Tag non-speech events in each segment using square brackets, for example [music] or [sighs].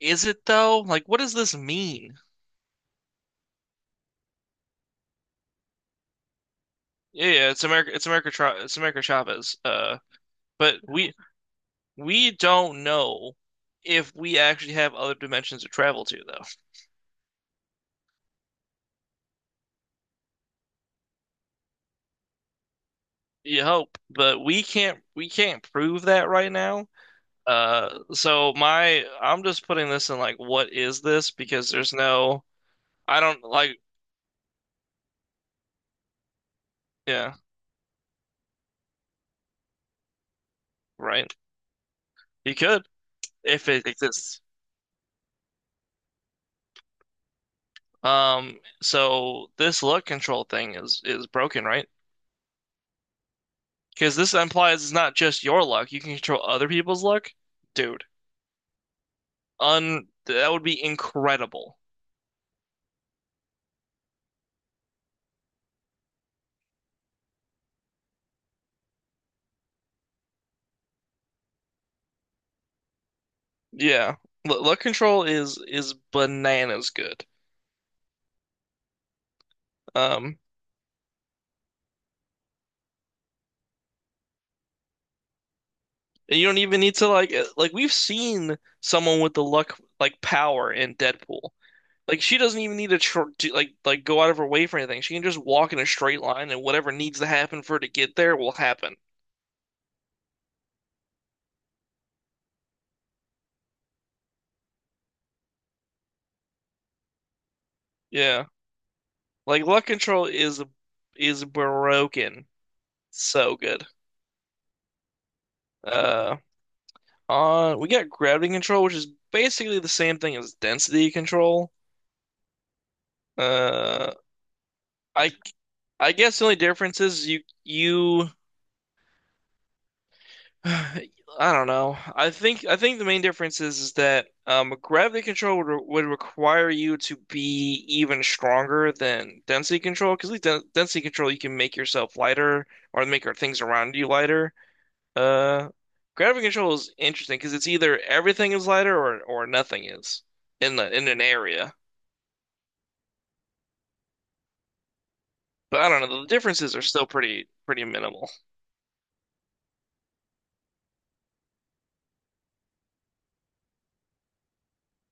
Is it though? Like, what does this mean? Yeah, yeah, it's America. It's America. It's America Chavez. But we don't know if we actually have other dimensions to travel to, though. You hope, but we can't. We can't prove that right now. So my I'm just putting this in like, what is this? Because there's no. I don't like. Yeah, right. You could if it exists. So this luck control thing is broken, right? Because this implies it's not just your luck. You can control other people's luck. Dude, un that would be incredible. Yeah. L Luck control is bananas good. Um, and you don't even need to like we've seen someone with the luck like power in Deadpool. Like she doesn't even need to tr to, like go out of her way for anything. She can just walk in a straight line and whatever needs to happen for her to get there will happen. Yeah. Like luck control is broken. So good. Uh we got gravity control, which is basically the same thing as density control. Uh, I I guess the only difference is you [sighs] I don't know. I think the main difference is that gravity control would, would require you to be even stronger than density control because with density control you can make yourself lighter or make your things around you lighter. Uh, gravity control is interesting because it's either everything is lighter or nothing is in the in an area. But I don't know, the differences are still pretty minimal.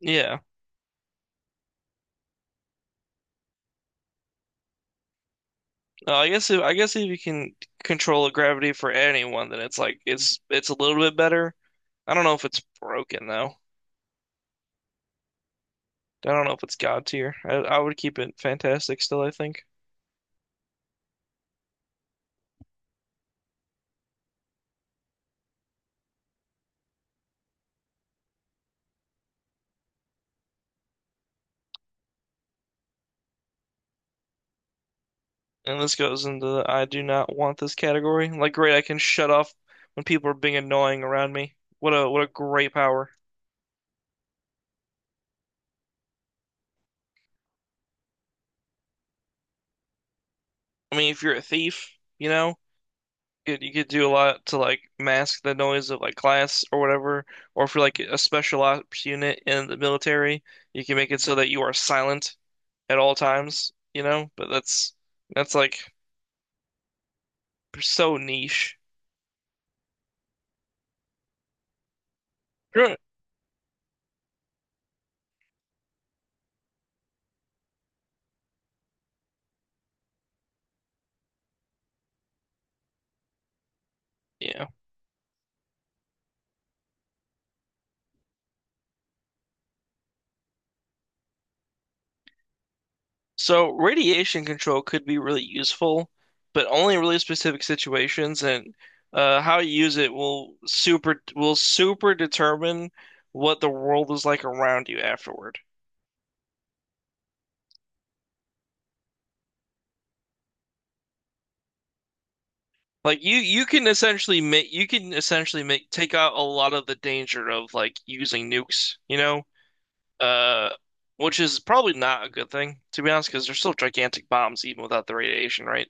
Yeah. I guess if you can control the gravity for anyone, then it's like it's a little bit better. I don't know if it's broken though. I don't know if it's God tier. I would keep it fantastic still, I think. And this goes into the "I do not want this" category. Like great, I can shut off when people are being annoying around me. What a great power. I mean, if you're a thief, you know, it, you could do a lot to like mask the noise of like class or whatever. Or if you're like a special ops unit in the military, you can make it so that you are silent at all times, you know? But that's like so niche. Sure. Yeah. So radiation control could be really useful, but only in really specific situations, and how you use it will super determine what the world is like around you afterward. Like you can essentially make take out a lot of the danger of like using nukes, you know? Uh, which is probably not a good thing to be honest because they're still gigantic bombs even without the radiation, right?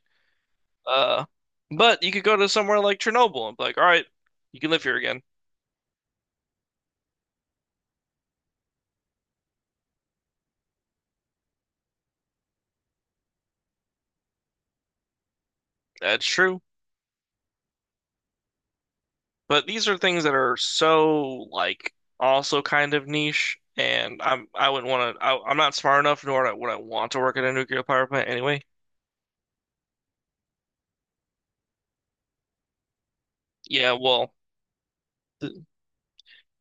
Uh, but you could go to somewhere like Chernobyl and be like, "All right, you can live here again." That's true. But these are things that are so like also kind of niche, and I wouldn't want to I'm not smart enough nor would I want to work at a nuclear power plant anyway. Yeah, well,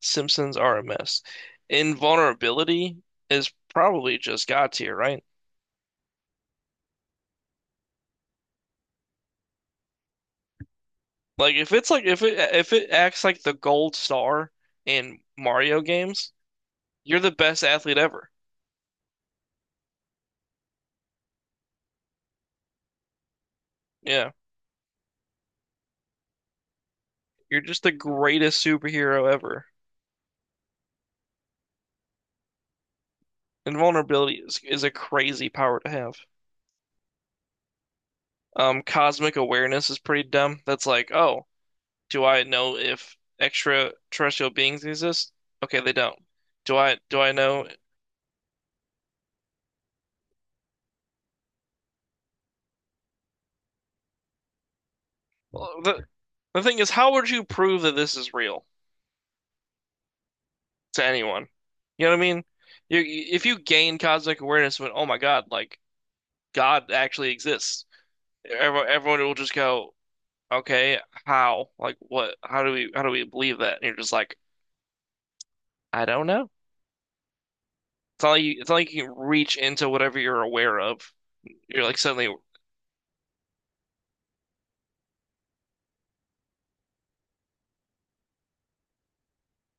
Simpsons are a mess. Invulnerability is probably just God tier, right? Like if it's like if it acts like the gold star in Mario games, you're the best athlete ever. Yeah. You're just the greatest superhero ever. Invulnerability is a crazy power to have. Cosmic awareness is pretty dumb. That's like, oh, do I know if extraterrestrial beings exist? Okay, they don't. Do I know? Well, the thing is, how would you prove that this is real to anyone? You know what I mean? You If you gain cosmic awareness, when oh my God, like God actually exists, everyone will just go, okay, how? Like what? How do we believe that? And you're just like, I don't know. It's not like you, it's not like you can reach into whatever you're aware of. You're like suddenly,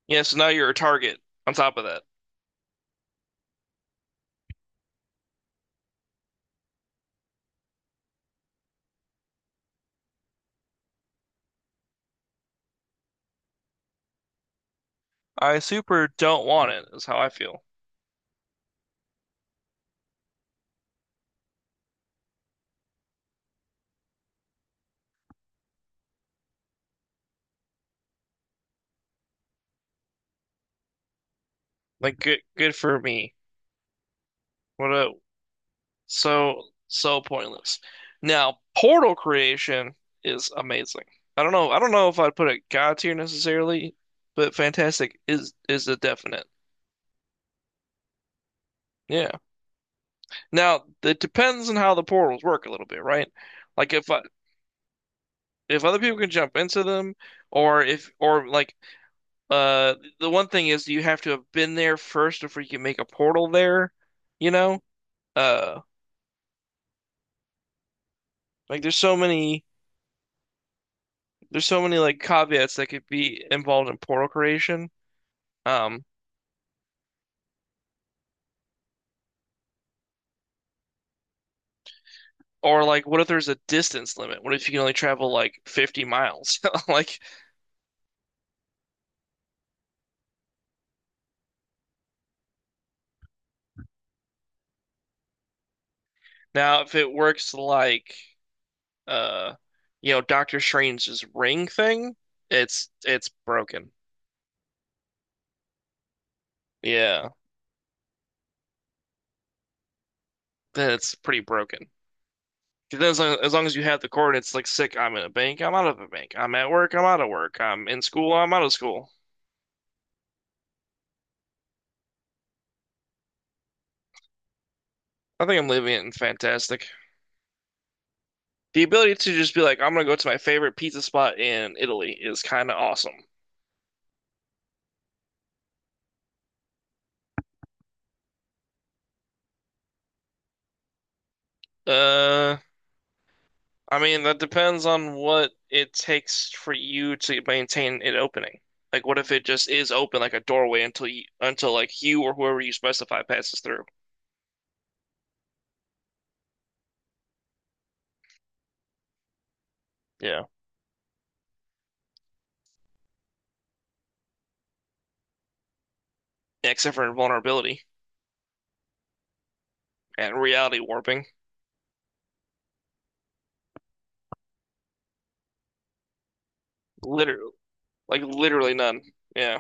yeah. So now you're a target. On top of that, I super don't want it. Is how I feel. Like good for me. What a So, so pointless. Now, portal creation is amazing. I don't know. I don't know if I'd put it God tier necessarily, but fantastic is a definite. Yeah. Now, it depends on how the portals work a little bit, right? Like if I, if other people can jump into them, or if or like uh the one thing is you have to have been there first before you can make a portal there, you know? Uh, like there's so many like caveats that could be involved in portal creation. Um, or like, what if there's a distance limit? What if you can only travel like 50 miles? [laughs] Like now, if it works like uh, you know, Doctor Strange's ring thing, it's broken. Yeah, then it's pretty broken. 'Cause then as long as you have the coordinates, like sick, I'm in a bank, I'm out of a bank. I'm at work, I'm out of work. I'm in school, I'm out of school. I think I'm leaving it in fantastic. The ability to just be like, I'm gonna go to my favorite pizza spot in Italy is kind of awesome. Uh, I mean, that depends on what it takes for you to maintain it opening. Like, what if it just is open like a doorway until you, until like you or whoever you specify passes through? Yeah. Except for invulnerability and reality warping. Literally, like literally none. Yeah.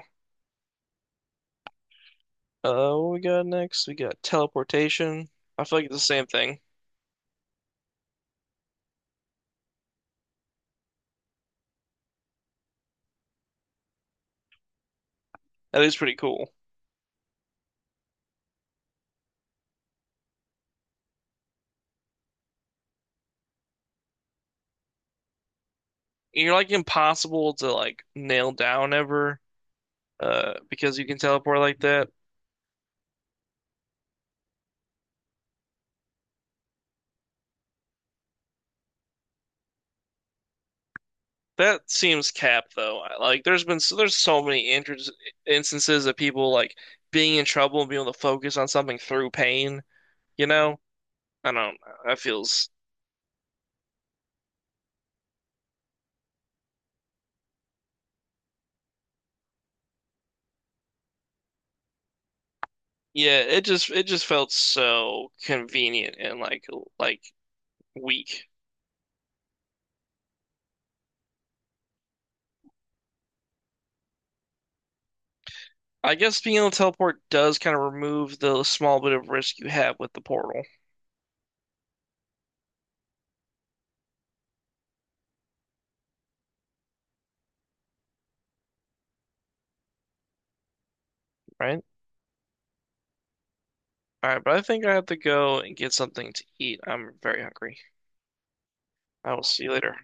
What we got next? We got teleportation. I feel like it's the same thing. That is pretty cool. You're like impossible to like nail down ever, because you can teleport like that. That seems cap though. Like there's been so, there's so many instances of people like being in trouble and being able to focus on something through pain, you know? I don't that feels yeah, it just felt so convenient and like like weak. I guess being able to teleport does kind of remove the small bit of risk you have with the portal, right? All right, but I think I have to go and get something to eat. I'm very hungry. I will see you later.